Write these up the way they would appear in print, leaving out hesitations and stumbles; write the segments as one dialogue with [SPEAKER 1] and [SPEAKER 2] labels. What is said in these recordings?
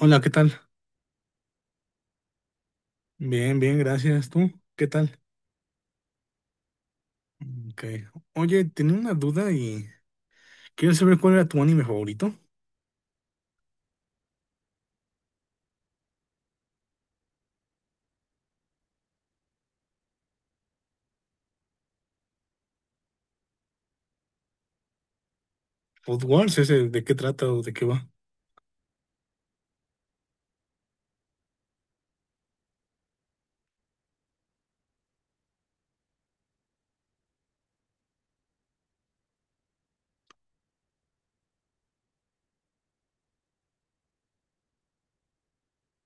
[SPEAKER 1] Hola, ¿qué tal? Bien, bien, gracias. ¿Tú? ¿Qué tal? Ok. Oye, tenía una duda y quiero saber cuál era tu anime favorito. Food Wars, ese, ¿de qué trata o de qué va?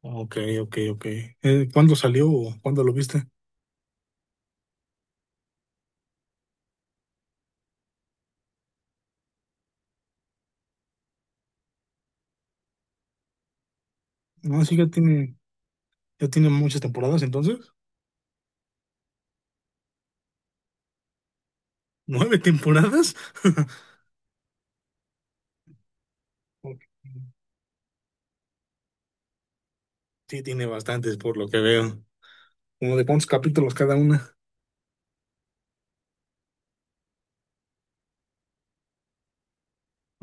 [SPEAKER 1] Ok, ok, ok. ¿Cuándo salió o cuándo lo viste? No, sí, ya tiene muchas temporadas entonces. ¿9 temporadas? Ok. Sí, tiene bastantes por lo que veo. Como de cuántos capítulos cada una.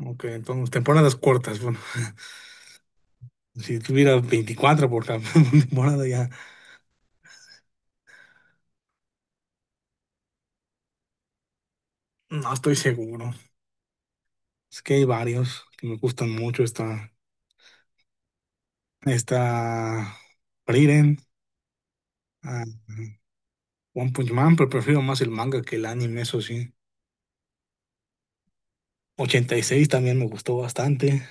[SPEAKER 1] Ok, entonces temporadas cortas. Bueno, si tuviera 24 por temporada ya no estoy seguro. Es que hay varios que me gustan mucho. Está Frieren, ah, One Punch Man, pero prefiero más el manga que el anime, eso sí. 86 también me gustó bastante.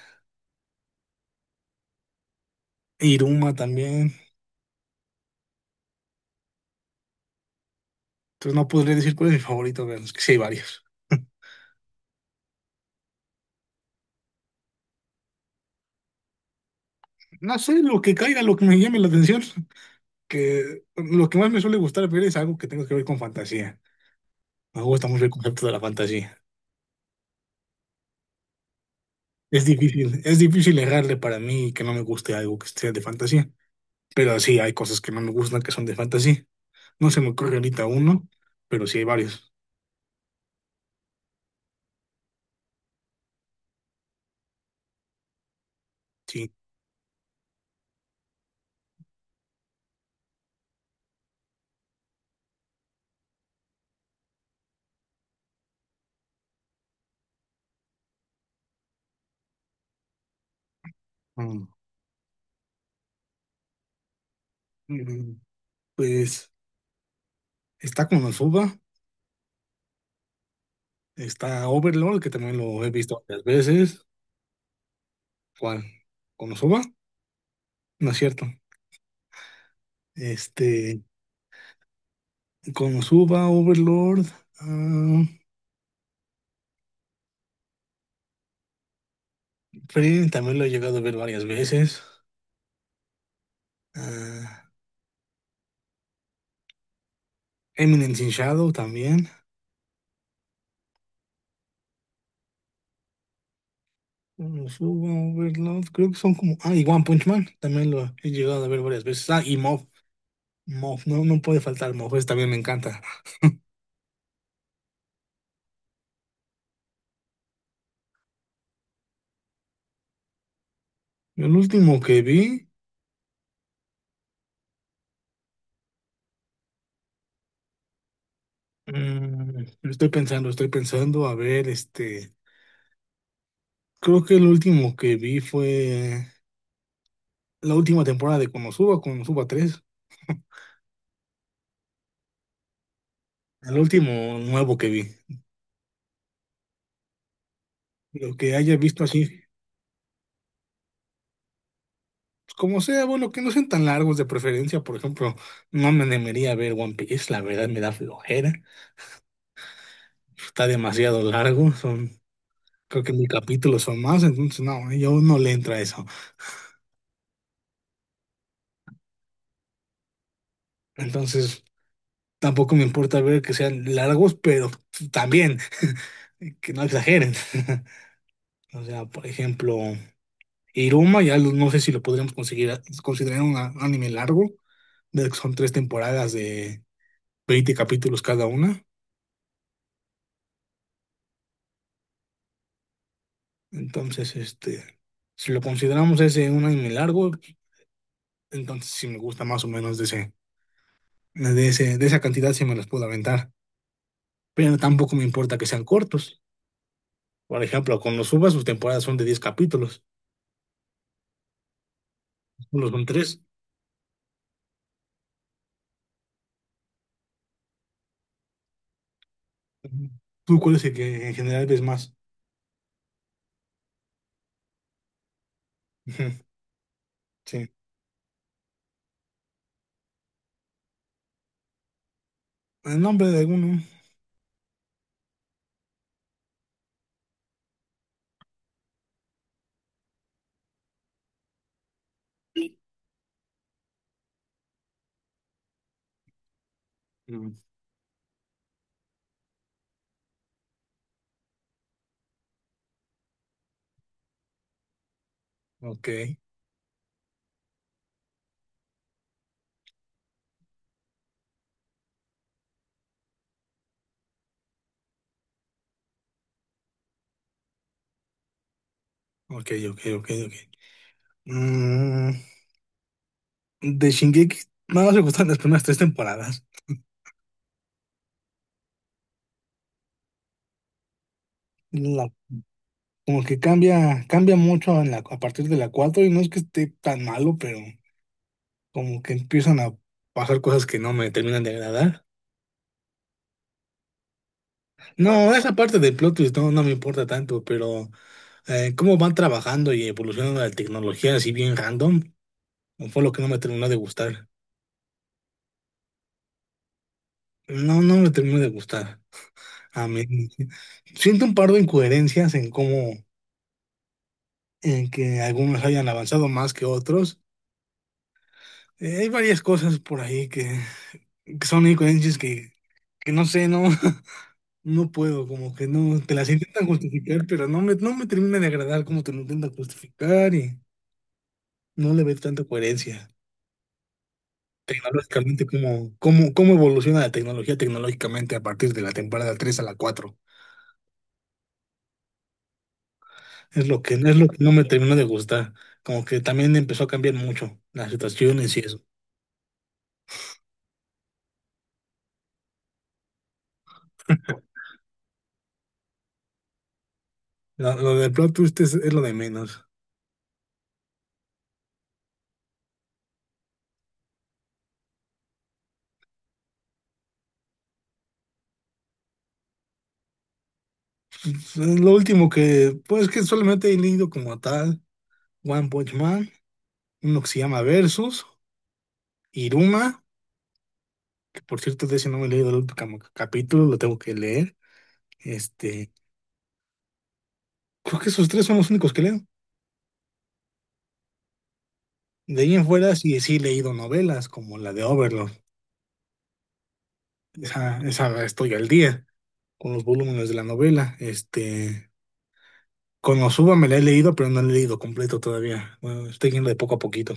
[SPEAKER 1] Iruma también. Entonces no podría decir cuál es mi favorito, pero es que sí hay varios. No sé, lo que caiga, lo que me llame la atención, que lo que más me suele gustar ver es algo que tenga que ver con fantasía. Me gusta mucho el concepto de la fantasía. Es difícil errarle para mí que no me guste algo que sea de fantasía. Pero sí, hay cosas que no me gustan que son de fantasy. No se me ocurre ahorita uno, pero sí hay varios. Sí. Mm, mm, Pues está Konosuba, está Overlord, que también lo he visto varias veces. ¿Cuál? ¿Konosuba? No es cierto. Este, Konosuba, Overlord, ah, Frieren también lo he llegado a ver varias veces. ah, Eminence in Shadow también. Konosuba, Overlord, creo que son como. Ah, y One Punch Man también lo he llegado a ver varias veces. Ah, y Mob. Moff, no, no puede faltar Moff, ese también me encanta. El último que vi, estoy pensando, a ver, creo que el último que vi fue la última temporada de Konosuba 3, el último nuevo que vi. Lo que haya visto así, pues, como sea, bueno, que no sean tan largos de preferencia, por ejemplo, no me animaría a ver One Piece, la verdad me da flojera, está demasiado largo, son, creo que 1,000 capítulos son más, entonces no, yo no le entra eso. Entonces. Tampoco me importa ver que sean largos, pero también que no exageren. O sea, por ejemplo, Iruma, no sé si lo podríamos conseguir considerar un anime largo, de que son 3 temporadas de 20 capítulos cada una. Entonces, si lo consideramos ese un anime largo, entonces sí me gusta más o menos de esa cantidad sí me los puedo aventar. Pero tampoco me importa que sean cortos. Por ejemplo, con los Subas sus temporadas son de 10 capítulos, solo son tres. Ujú. ¿Tú cuál es el que en general ves más? Ujú, sí. El nombre de alguno. Mm, ok, ok, ok, ok, ok. Mm, de Shingeki, nada más me gustan las primeras 3 temporadas. La- Como que cambia mucho en a partir de la cuatro y no es que esté tan malo, pero como que empiezan a pasar cosas que no me terminan de agradar. No, esa parte del plot twist no, no me importa tanto, pero cómo van trabajando y evolucionando la tecnología así bien random, fue lo que no me terminó de gustar. No, no me termino de gustar. A mí siento un par de incoherencias en cómo, en que algunos hayan avanzado más que otros. Hay varias cosas por ahí que, son incoherencias que no sé, no, no puedo, como que no, te las intentan justificar, pero no me termina de agradar cómo te lo intentan justificar y no le ves tanta coherencia. Tecnológicamente, cómo evoluciona la tecnología tecnológicamente a partir de la temporada 3 a la 4. Es lo que no me terminó de gustar. Como que también empezó a cambiar mucho las situaciones y eso. Lo del plot twist es lo de menos. Es lo último que, pues que solamente he leído como tal, One Punch Man, uno que se llama Versus, Iruma, que por cierto de ese no me he leído el último capítulo, lo tengo que leer. Este, Creo que esos tres son los únicos que leo. De ahí en fuera sí, sí he leído novelas como la de Overlord. Esa estoy al día con los volúmenes de la novela. Con Konosuba me la he leído, pero no la he leído completo todavía. Bueno, estoy yendo de poco a poquito.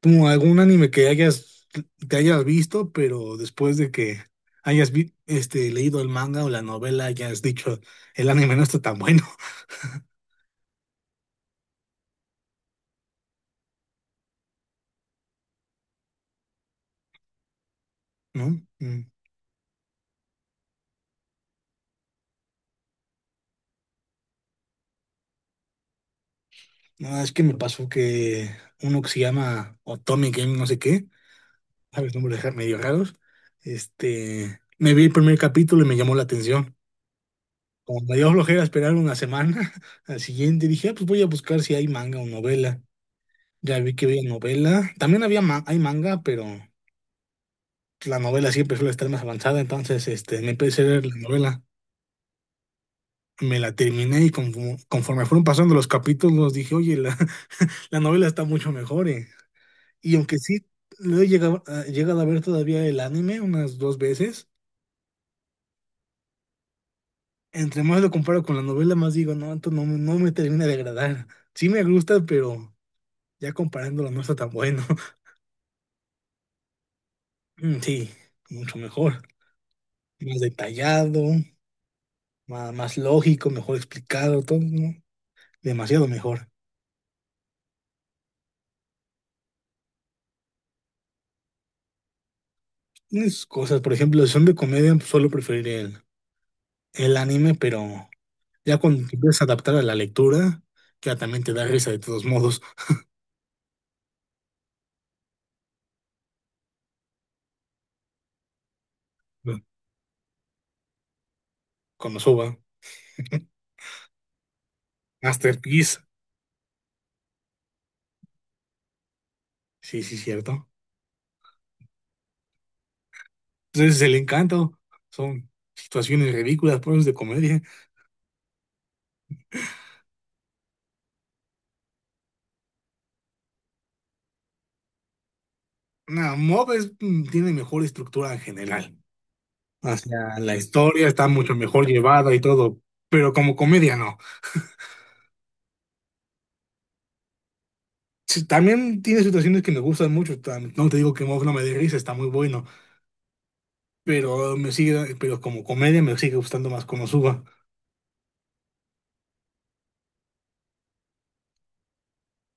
[SPEAKER 1] ¿Tú algún anime que hayas visto, pero después de que hayas leído el manga o la novela, hayas dicho, el anime no está tan bueno, ¿no? Mm. No, es que me pasó que uno que se llama Otome Game no sé qué, ¿sabes? Nombres medio raros. Me vi el primer capítulo y me llamó la atención. Como me dio flojera esperar una semana, al siguiente dije: "Ah, pues voy a buscar si hay manga o novela. Ya vi que había novela. También había hay manga, pero la novela siempre suele estar más avanzada. Entonces, me empecé a leer la novela. Me la terminé y conforme fueron pasando los capítulos, dije, oye, la, la novela está mucho mejor, eh". Y aunque sí lo he llegado, a llegado a ver todavía el anime unas 2 veces, entre más lo comparo con la novela, más digo, no, esto no, no me termina de agradar. Sí me gusta, pero ya comparándolo no está tan bueno. Mm, sí, mucho mejor, más detallado. Más, lógico, mejor explicado, todo, ¿no? Demasiado mejor. Tienes cosas, por ejemplo, si son de comedia, pues, suelo preferir el anime, pero ya cuando te empiezas a adaptar a la lectura, ya también te da risa de todos modos, ¿no? Con Osoba. Masterpiece, sí, sí, cierto. Entonces, es el encanto, son situaciones ridículas, pues de comedia. No, Mob tiene mejor estructura en general. O sea, la historia está mucho mejor llevada y todo, pero como comedia no. Sí, también tiene situaciones que me gustan mucho. No te digo que Mob no me dé risa, está muy bueno. Pero como comedia me sigue gustando más Konosuba.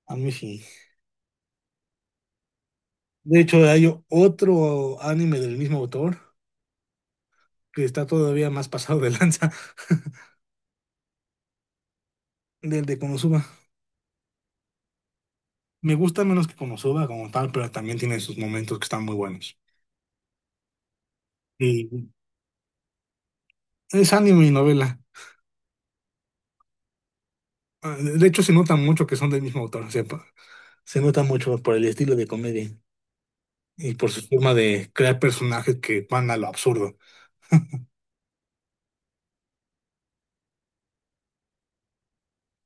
[SPEAKER 1] A mí sí. De hecho, hay otro anime del mismo autor que está todavía más pasado de lanza del de Konosuba. Me gusta menos que Konosuba como tal, pero también tiene sus momentos que están muy buenos. Y es anime y novela. Ah, De hecho, se nota mucho que son del mismo autor. O sea, se nota mucho por el estilo de comedia. Y por su forma de crear personajes que van a lo absurdo.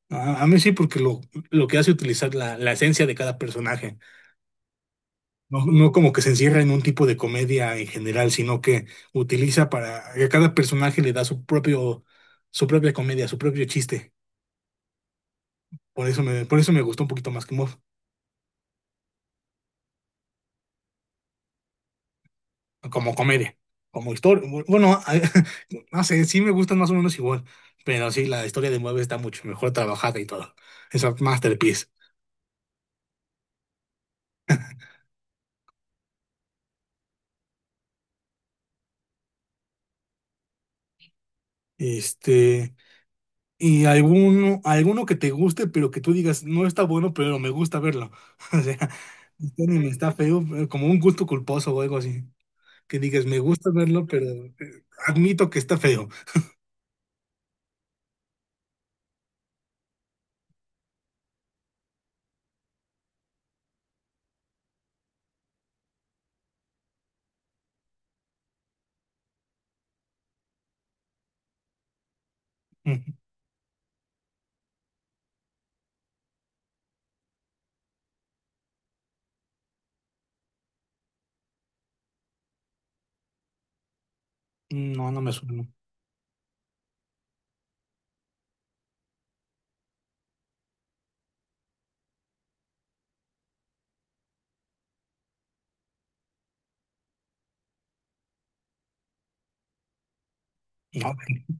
[SPEAKER 1] A mí sí, porque lo que hace utilizar la esencia de cada personaje, no, no como que se encierra en un tipo de comedia en general, sino que utiliza para que cada personaje le da su propio, su propia comedia, su propio chiste. Por eso me gustó un poquito más que Mob, como comedia, como historia. Bueno, no sé, sí me gustan más o menos igual, pero sí, la historia de Mob está mucho mejor trabajada y todo. Es un masterpiece. Este, Y alguno que te guste, pero que tú digas, no está bueno, pero me gusta verlo. O sea, este anime está feo, pero como un gusto culposo o algo así. Que digas, me gusta verlo, pero admito que está feo. Ujú. No, no me suena. No, no,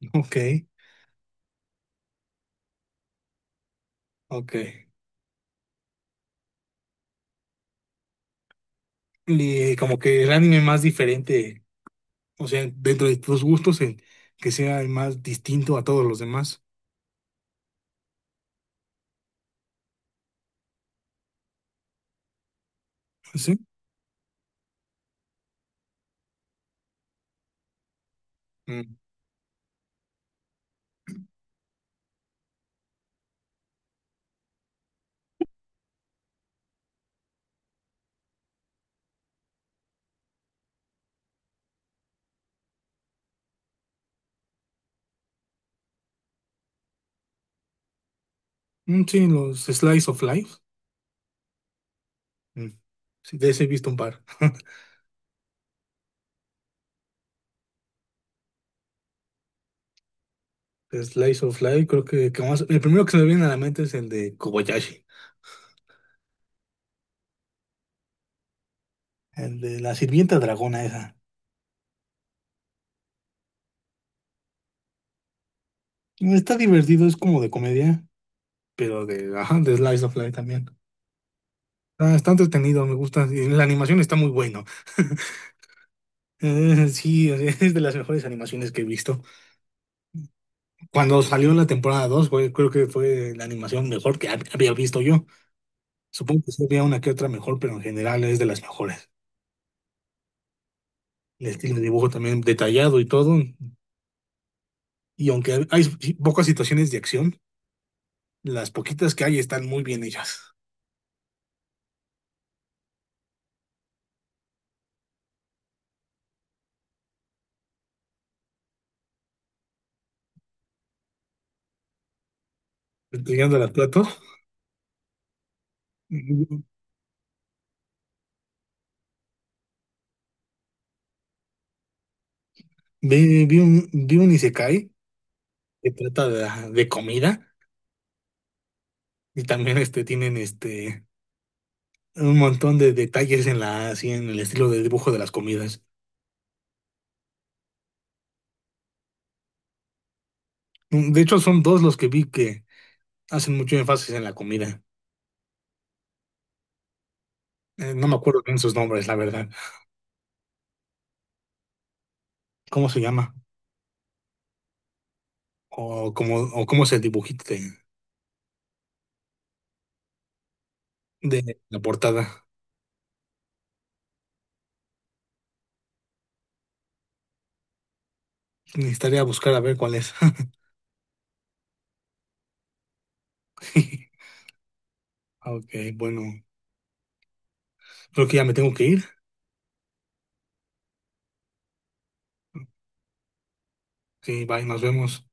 [SPEAKER 1] ok, ok. Y como que el anime más diferente, o sea, dentro de tus gustos, el que sea el más distinto a todos los demás. ¿Sí? Mm. Mm, sí, los Slice of Life. Mm. Sí, de ese he visto un par. Slice of Life, creo que, el primero que se me viene a la mente es el de Kobayashi, el de la sirvienta dragona esa. Está divertido, es como de comedia, pero de, ajá, de Slice of Life también. Ah, está entretenido, me gusta. Y la animación está muy bueno. Sí, o sea, es de las mejores animaciones que he visto. Cuando salió la temporada 2, creo que fue la animación mejor que había visto yo. Supongo que sí había una que otra mejor, pero en general es de las mejores. El estilo de dibujo también detallado y todo. Y aunque hay pocas situaciones de acción, las poquitas que hay están muy bien hechas. Llegando al plato, vi, vi un isekai que trata de comida y también tienen un montón de detalles en, la, así, en el estilo de dibujo de las comidas. De hecho, son dos los que vi que hacen mucho énfasis en la comida. No me acuerdo bien sus nombres, la verdad. ¿Cómo se llama? O cómo se dibujita de la portada. Necesitaría buscar a ver cuál es. Ok, bueno, creo que ya me tengo que ir. Sí, bye, nos vemos.